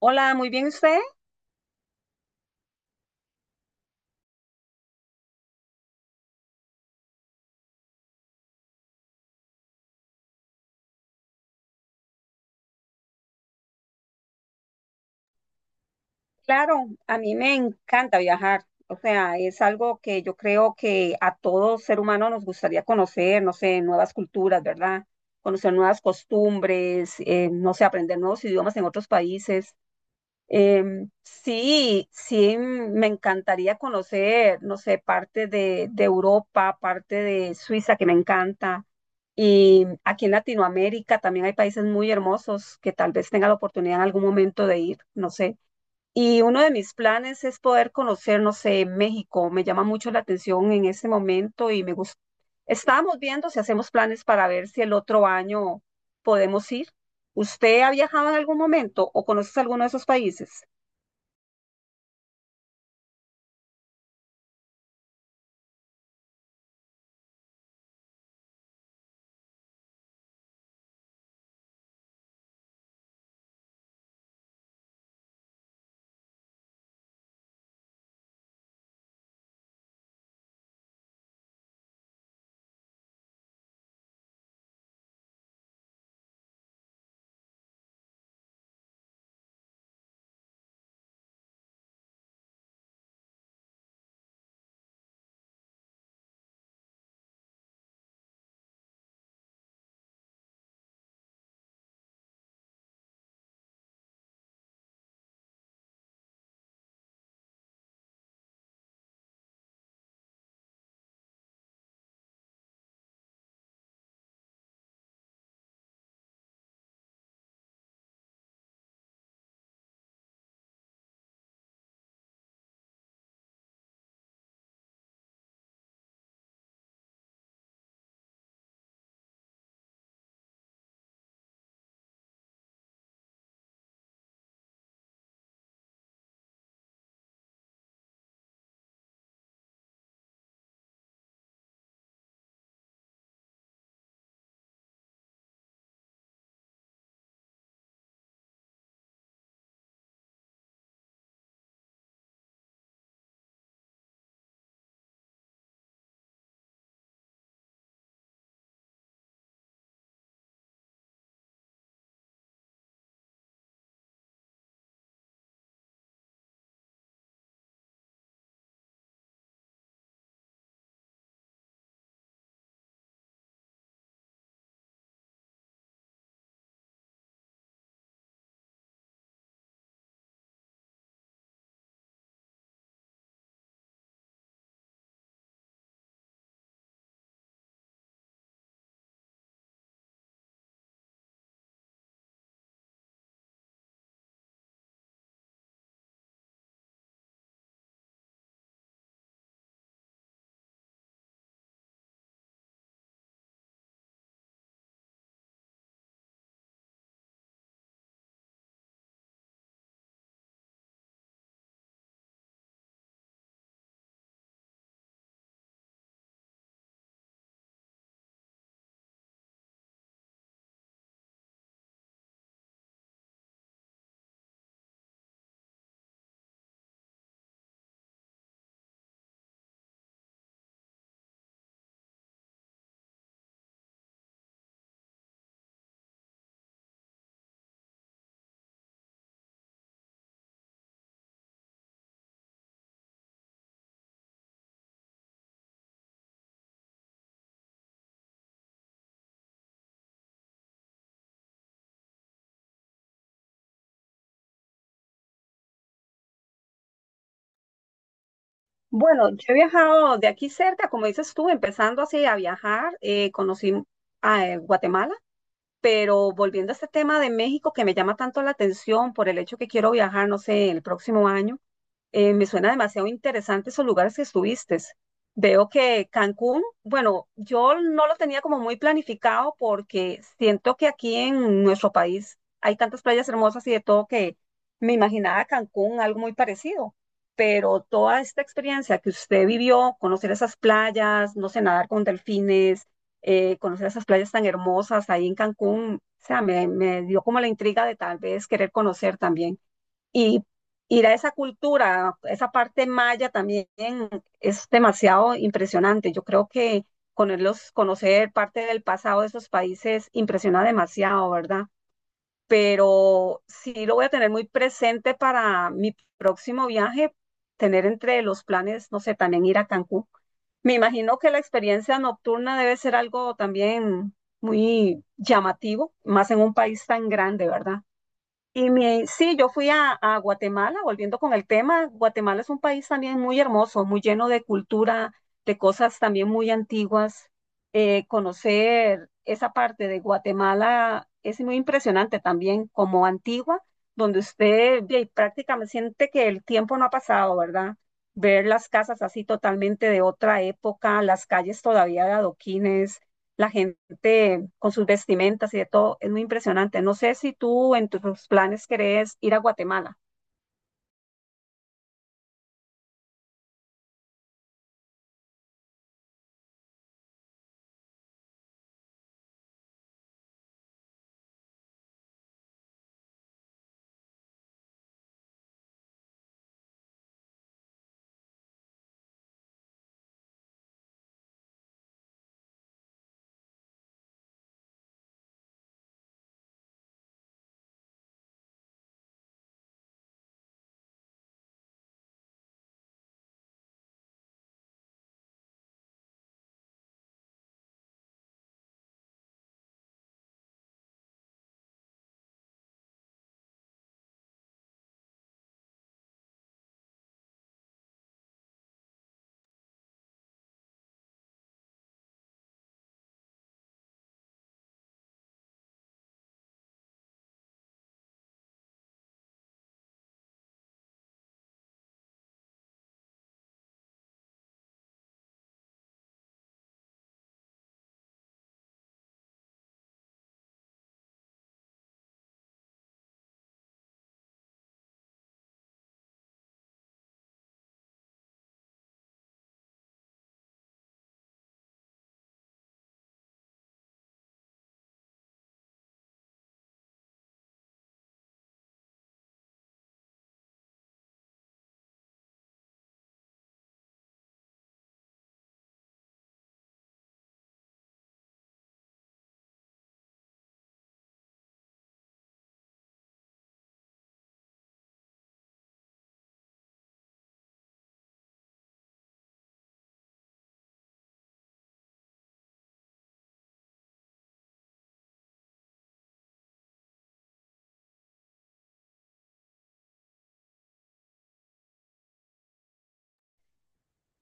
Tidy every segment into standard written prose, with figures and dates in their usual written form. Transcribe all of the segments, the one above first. Hola, muy bien usted. Claro, a mí me encanta viajar. O sea, es algo que yo creo que a todo ser humano nos gustaría conocer, no sé, nuevas culturas, ¿verdad? Conocer nuevas costumbres, no sé, aprender nuevos idiomas en otros países. Sí, me encantaría conocer, no sé, parte de Europa, parte de Suiza, que me encanta. Y aquí en Latinoamérica también hay países muy hermosos que tal vez tenga la oportunidad en algún momento de ir, no sé. Y uno de mis planes es poder conocer, no sé, México. Me llama mucho la atención en este momento y me gusta. Estábamos viendo si hacemos planes para ver si el otro año podemos ir. ¿Usted ha viajado en algún momento o conoces alguno de esos países? Bueno, yo he viajado de aquí cerca, como dices tú, empezando así a viajar, conocí a Guatemala, pero volviendo a este tema de México que me llama tanto la atención por el hecho que quiero viajar, no sé, el próximo año. Me suena demasiado interesante esos lugares que estuviste. Veo que Cancún, bueno, yo no lo tenía como muy planificado porque siento que aquí en nuestro país hay tantas playas hermosas y de todo que me imaginaba Cancún algo muy parecido. Pero toda esta experiencia que usted vivió, conocer esas playas, no sé, nadar con delfines, conocer esas playas tan hermosas ahí en Cancún, o sea, me dio como la intriga de tal vez querer conocer también. Y ir a esa cultura, esa parte maya también es demasiado impresionante. Yo creo que conocerlos, conocer parte del pasado de esos países impresiona demasiado, ¿verdad? Pero sí lo voy a tener muy presente para mi próximo viaje, tener entre los planes, no sé, también ir a Cancún. Me imagino que la experiencia nocturna debe ser algo también muy llamativo, más en un país tan grande, ¿verdad? Y mi, sí, yo fui a Guatemala, volviendo con el tema, Guatemala es un país también muy hermoso, muy lleno de cultura, de cosas también muy antiguas. Conocer esa parte de Guatemala es muy impresionante también, como antigua, donde usted ve, y prácticamente siente que el tiempo no ha pasado, ¿verdad? Ver las casas así totalmente de otra época, las calles todavía de adoquines, la gente de- con sus vestimentas y de todo, es muy impresionante. No sé si tú en tus planes querés ir a Guatemala.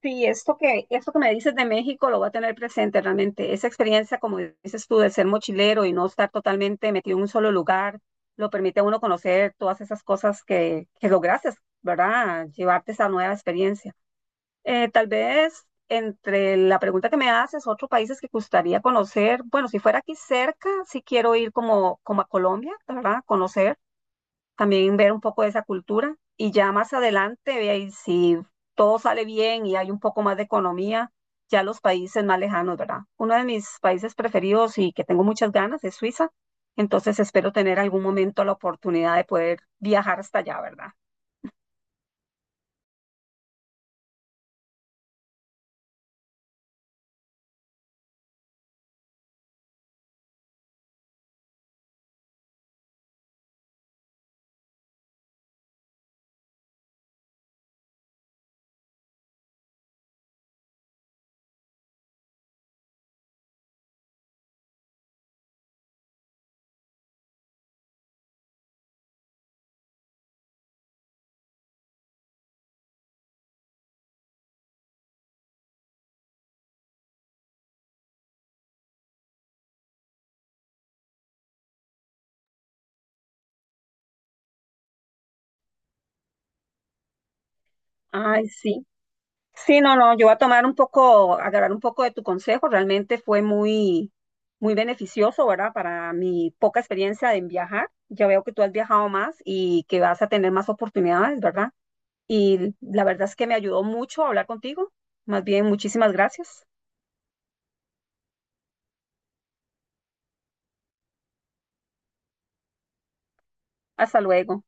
Sí, esto que me dices de México lo voy a tener presente realmente. Esa experiencia, como dices tú, de ser mochilero y no estar totalmente metido en un solo lugar, lo permite a uno conocer todas esas cosas que lograste, ¿verdad? Llevarte esa nueva experiencia. Tal vez entre la pregunta que me haces, otros países que gustaría conocer, bueno, si fuera aquí cerca, sí quiero ir como a Colombia, ¿verdad? Conocer también ver un poco de esa cultura y ya más adelante, ve ahí, si todo sale bien y hay un poco más de economía, ya los países más lejanos, ¿verdad? Uno de mis países preferidos y que tengo muchas ganas es Suiza, entonces espero tener algún momento la oportunidad de poder viajar hasta allá, ¿verdad? Ay, sí. Sí, no, no, yo voy a tomar un poco, agarrar un poco de tu consejo, realmente fue muy, muy beneficioso, ¿verdad? Para mi poca experiencia en viajar, ya veo que tú has viajado más y que vas a tener más oportunidades, ¿verdad? Y la verdad es que me ayudó mucho a hablar contigo. Más bien, muchísimas gracias. Hasta luego.